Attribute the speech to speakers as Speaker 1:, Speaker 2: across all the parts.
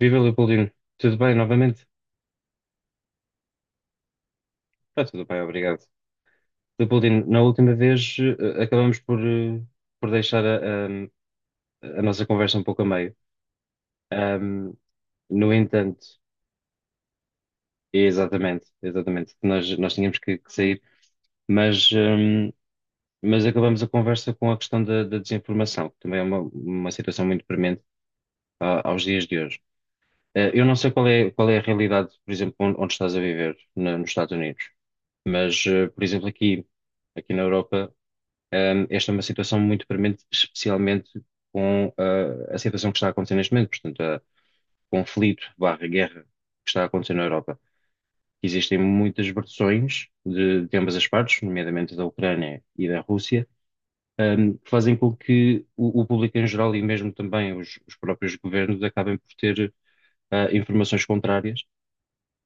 Speaker 1: Viva Leopoldino, tudo bem novamente? Está tudo bem, obrigado. Leopoldino, na última vez acabamos por deixar a nossa conversa um pouco a meio. Ahm, no entanto, é exatamente, exatamente, nós tínhamos que sair, mas, ahm, mas acabamos a conversa com a questão da desinformação, que também é uma situação muito premente aos dias de hoje. Eu não sei qual é a realidade, por exemplo, onde estás a viver, nos Estados Unidos, mas, por exemplo, aqui. Aqui na Europa, esta é uma situação muito premente, especialmente com a situação que está a acontecer neste momento, portanto, a conflito barra guerra que está a acontecer na Europa. Existem muitas versões de ambas as partes, nomeadamente da Ucrânia e da Rússia, que fazem com que o público em geral e mesmo também os próprios governos acabem por ter informações contrárias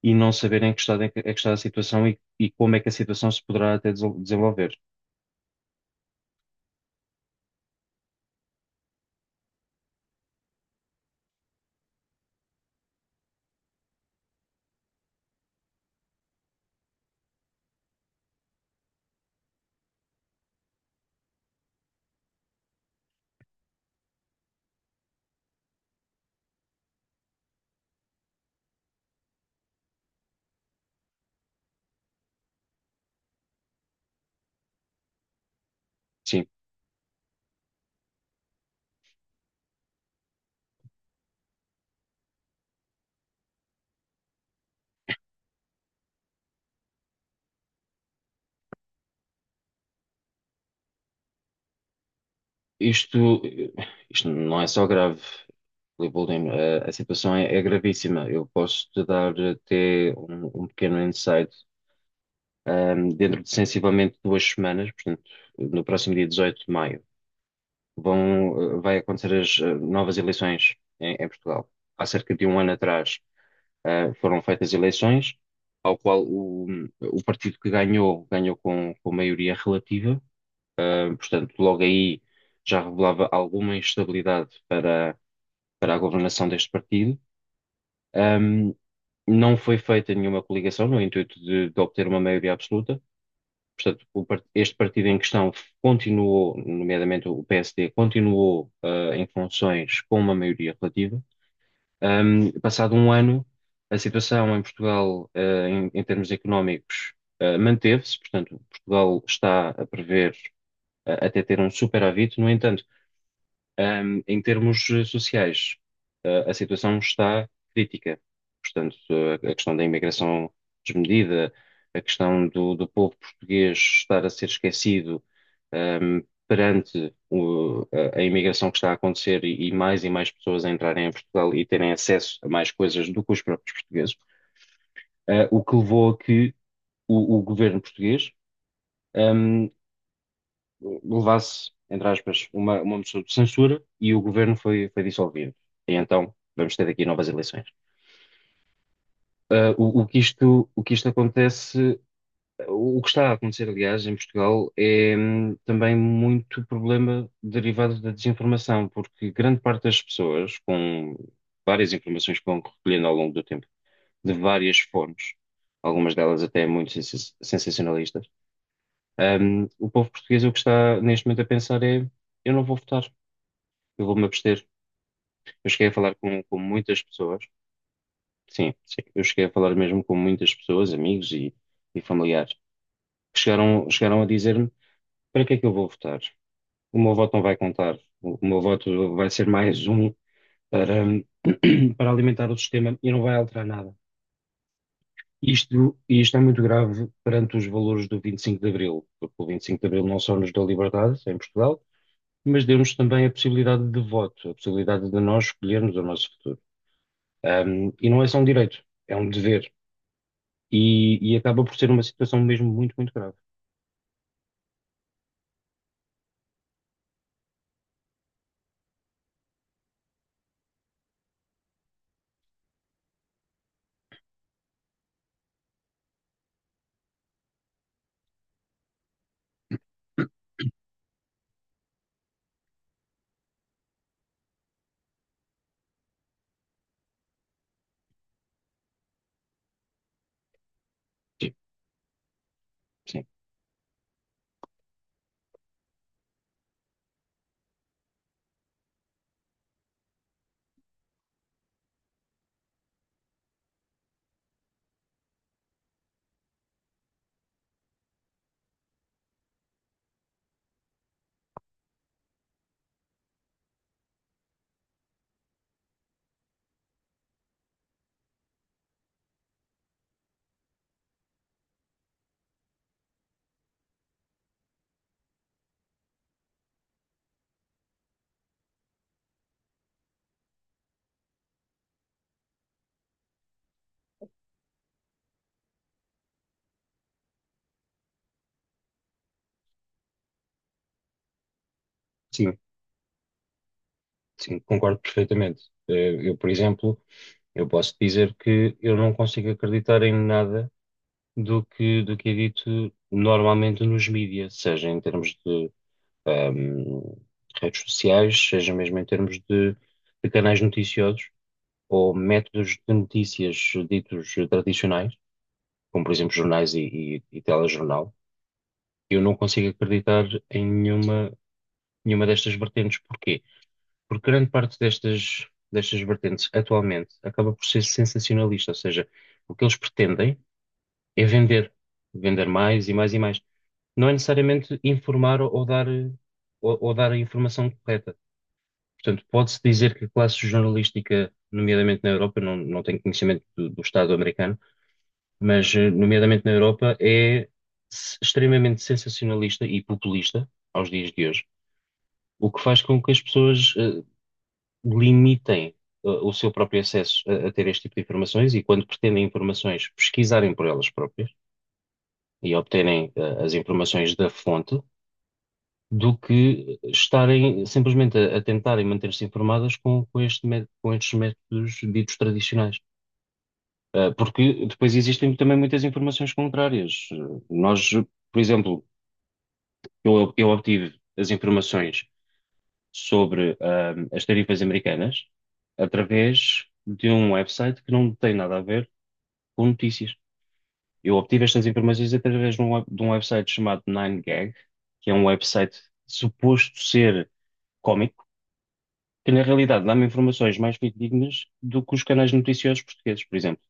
Speaker 1: e não saberem que estado é que está a situação e como é que a situação se poderá até desenvolver. Sim, Isto, isto não é só grave, Rui Boldrin. A situação é gravíssima. Eu posso te dar até um pequeno insight. Dentro de sensivelmente duas semanas, portanto, no próximo dia 18 de maio, vai acontecer as novas eleições em Portugal. Há cerca de um ano atrás, foram feitas eleições, ao qual o partido que ganhou com maioria relativa. Portanto, logo aí já revelava alguma instabilidade para a governação deste partido. Ahm, não foi feita nenhuma coligação no intuito de obter uma maioria absoluta. Portanto, o este partido em questão continuou, nomeadamente o PSD, continuou, em funções com uma maioria relativa. Passado um ano, a situação em Portugal, em termos económicos, manteve-se. Portanto, Portugal está a prever, até ter um superávit. No entanto, em termos sociais, a situação está crítica. Portanto, a questão da imigração desmedida, a questão do povo português estar a ser esquecido, ahm, perante a imigração que está a acontecer e mais e mais pessoas a entrarem em Portugal e terem acesso a mais coisas do que os próprios portugueses, o que levou a que o governo português levasse, entre aspas, uma moção de censura e o governo foi dissolvido. E então vamos ter aqui novas eleições. Ah, o, o que isto, o que isto acontece, o que está a acontecer, aliás, em Portugal é também muito problema derivado da desinformação, porque grande parte das pessoas, com várias informações que vão recolhendo ao longo do tempo, de várias fontes, algumas delas até muito sensacionalistas, o povo português o que está neste momento a pensar é: Eu não vou votar. Eu vou-me abster. Eu cheguei a falar com muitas pessoas, sim, sim, eu cheguei a falar mesmo com muitas pessoas, amigos e familiares, que chegaram a dizer-me para que é que eu vou votar? O meu voto não vai contar, o meu voto vai ser mais um para, para alimentar o sistema e não vai alterar nada. Isto é muito grave perante os valores do 25 de Abril, porque o 25 de Abril não só nos deu liberdade em Portugal, mas deu-nos também a possibilidade de voto, a possibilidade de nós escolhermos o nosso futuro. E não é só um direito, é um dever. E, e acaba por ser uma situação mesmo muito, muito grave. Sim, sim, sim, sim, concordo perfeitamente. Eu, por exemplo, eu posso dizer que eu não consigo acreditar em nada do que é dito normalmente nos mídias, seja em termos de ahm, redes sociais, seja mesmo em termos de canais noticiosos ou métodos de notícias ditos tradicionais, como por exemplo jornais e telejornal. Eu não consigo acreditar em nenhuma, nenhuma destas vertentes. Porquê? Porque grande parte destas vertentes, atualmente, acaba por ser sensacionalista. Ou seja, o que eles pretendem é vender. Vender mais e mais e mais. Não é necessariamente informar ou dar a informação correta. Portanto, pode-se dizer que a classe jornalística, nomeadamente na Europa, não tenho conhecimento do Estado americano, mas, nomeadamente na Europa, é extremamente sensacionalista e populista aos dias de hoje. O que faz com que as pessoas limitem o seu próprio acesso a ter este tipo de informações e, quando pretendem informações, pesquisarem por elas próprias e obterem as informações da fonte, do que estarem simplesmente a tentarem manter-se informadas com, com estes métodos ditos tradicionais. Porque depois existem também muitas informações contrárias. Nós, por exemplo, eu obtive as informações sobre, as tarifas americanas através de um website que não tem nada a ver com notícias. Eu obtive estas informações através de um website chamado 9gag, que é um website suposto ser cómico, que na realidade dá-me informações mais fidedignas do que os canais noticiosos portugueses, por exemplo.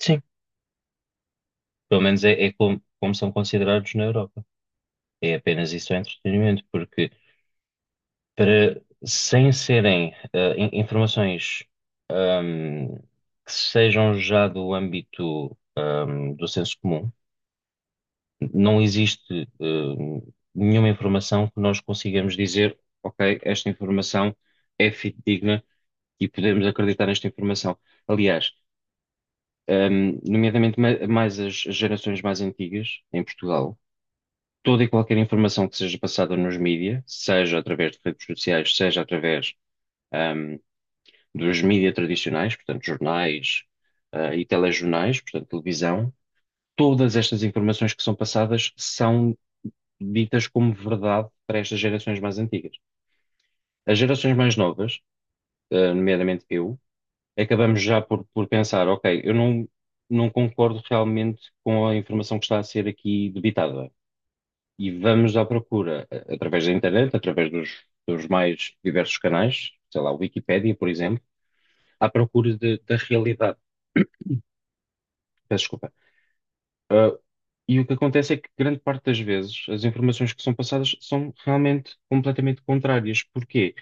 Speaker 1: Sim. Pelo menos é como são considerados na Europa. É apenas isso, é entretenimento, porque sem serem informações ahm, que sejam já do âmbito do senso comum, não existe nenhuma informação que nós consigamos dizer, ok, esta informação é fidedigna e podemos acreditar nesta informação. Aliás, nomeadamente mais as gerações mais antigas em Portugal, toda e qualquer informação que seja passada nos mídias, seja através de redes sociais, seja através hum, dos mídias tradicionais, portanto, jornais, e telejornais, portanto, televisão, todas estas informações que são passadas são ditas como verdade para estas gerações mais antigas. As gerações mais novas, nomeadamente eu, acabamos já por pensar, ok, eu não concordo realmente com a informação que está a ser aqui debitada. E vamos à procura, através da internet, através dos mais diversos canais, sei lá, Wikipédia, por exemplo, à procura da realidade. Peço desculpa. E o que acontece é que grande parte das vezes as informações que são passadas são realmente completamente contrárias. Porquê?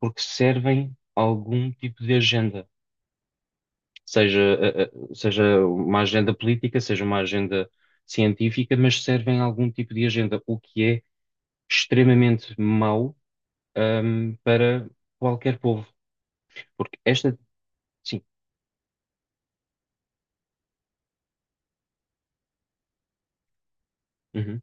Speaker 1: Porque servem a algum tipo de agenda, seja uma agenda política, seja uma agenda científica, mas servem a algum tipo de agenda, o que é extremamente mau, para qualquer povo. Porque esta, sim, uhum,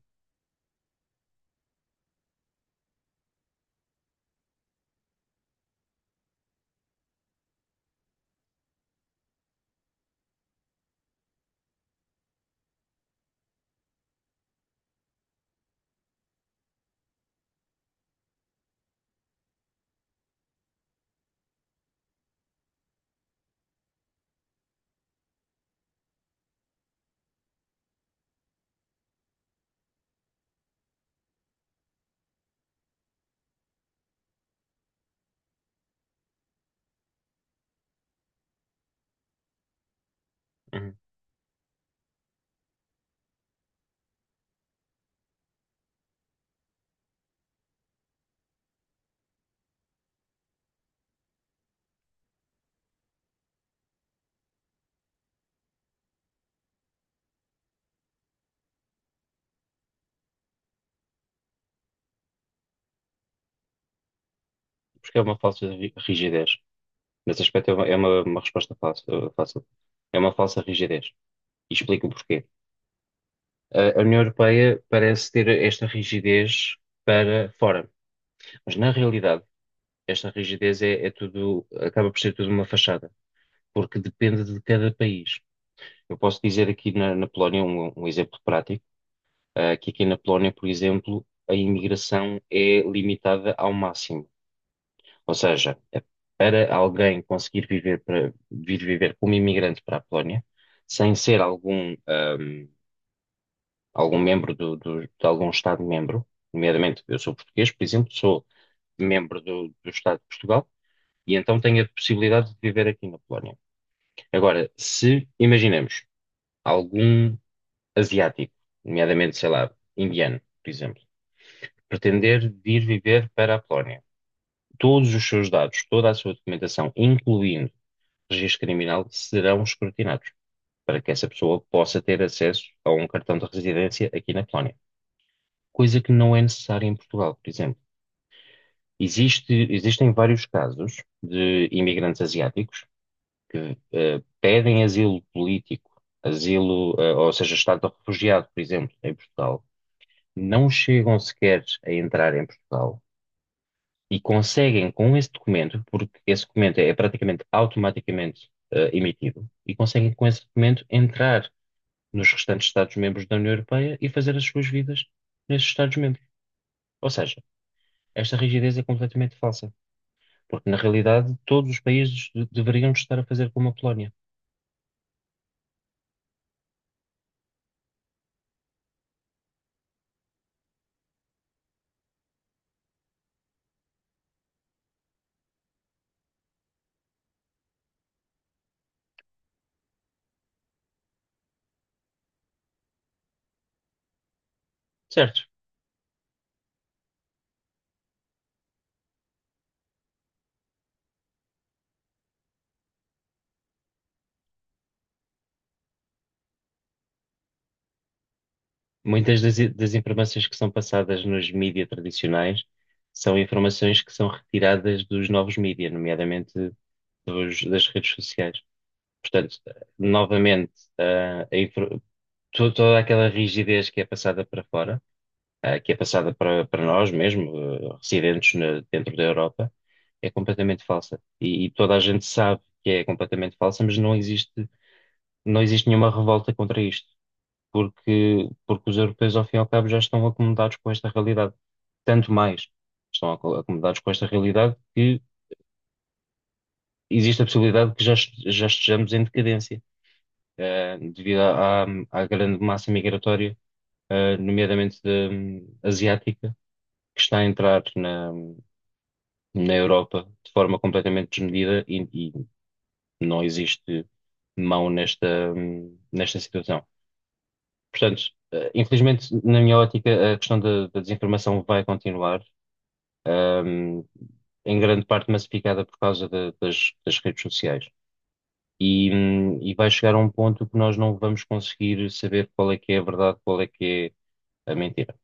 Speaker 1: uhum. Porque é uma falsa rigidez. Nesse aspecto é uma resposta fácil, fácil. É uma falsa rigidez. E explico o porquê. A União Europeia parece ter esta rigidez para fora, mas na realidade esta rigidez é tudo, acaba por ser tudo uma fachada, porque depende de cada país. Eu posso dizer aqui na Polónia um exemplo prático, que aqui na Polónia, por exemplo, a imigração é limitada ao máximo, ou seja, para alguém conseguir viver para vir viver como imigrante para a Polónia, sem ser algum membro de algum Estado-membro, nomeadamente eu sou português, por exemplo, sou membro do Estado de Portugal e então tenho a possibilidade de viver aqui na Polónia. Agora, se imaginemos algum asiático, nomeadamente, sei lá, indiano, por exemplo, pretender vir viver para a Polónia, todos os seus dados, toda a sua documentação, incluindo registro criminal, serão escrutinados. Para que essa pessoa possa ter acesso a um cartão de residência aqui na Polónia, coisa que não é necessária em Portugal, por exemplo. Existem vários casos de imigrantes asiáticos que pedem asilo político, asilo, ou seja, estado de refugiado, por exemplo, em Portugal, não chegam sequer a entrar em Portugal e conseguem, com esse documento, porque esse documento é praticamente automaticamente emitido, e conseguem, com esse documento, entrar nos restantes Estados-membros da União Europeia e fazer as suas vidas nesses Estados-membros. Ou seja, esta rigidez é completamente falsa. Porque, na realidade, todos os países deveriam estar a fazer como a Polónia, certo? Muitas das informações que são passadas nos mídias tradicionais são informações que são retiradas dos novos mídias, nomeadamente das redes sociais. Portanto, novamente, ah, a infor- toda aquela rigidez que é passada para fora, que é passada para nós mesmo, residentes dentro da Europa, é completamente falsa. E toda a gente sabe que é completamente falsa, mas não existe nenhuma revolta contra isto, porque os europeus, ao fim e ao cabo, já estão acomodados com esta realidade. Tanto mais estão acomodados com esta realidade que existe a possibilidade que já estejamos em decadência, devido à, à grande massa migratória, nomeadamente asiática, que está a entrar na Europa de forma completamente desmedida e não existe mão nesta situação. Portanto, infelizmente, na minha ótica, a questão da desinformação vai continuar, ahm, em grande parte massificada por causa das redes sociais. E vai chegar a um ponto que nós não vamos conseguir saber qual é que é a verdade, qual é que é a mentira.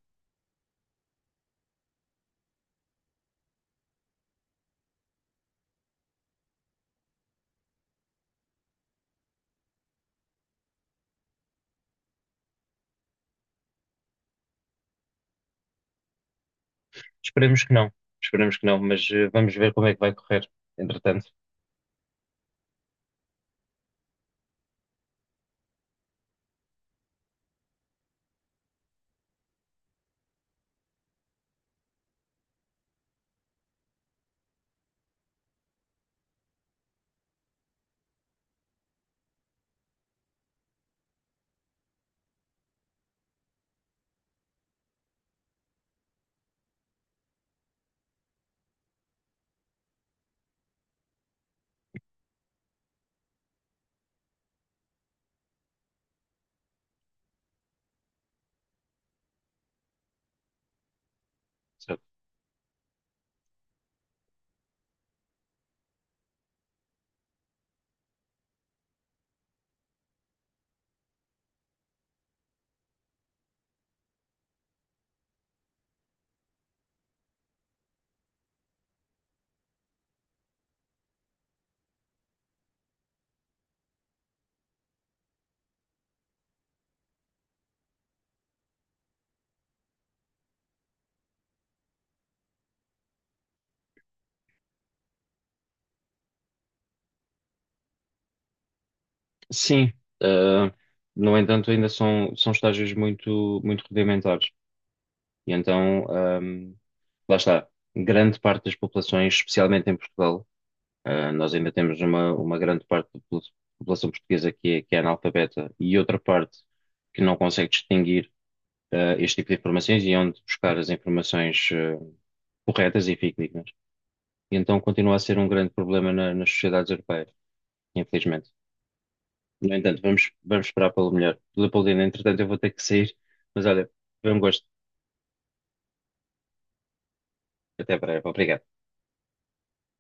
Speaker 1: Esperemos que não, esperemos que não, mas vamos ver como é que vai correr, entretanto. Certo. Sim, ah, no entanto, ainda são estágios muito, muito rudimentares. E então, hum, lá está, grande parte das populações, especialmente em Portugal, nós ainda temos uma grande parte da população portuguesa que é analfabeta e outra parte que não consegue distinguir este tipo de informações e é onde buscar as informações corretas e fidedignas. E então continua a ser um grande problema nas sociedades europeias, infelizmente. No entanto, vamos esperar pelo melhor. Leopoldina, entretanto, eu vou ter que sair, mas olha, foi um gosto. Até breve. Obrigado.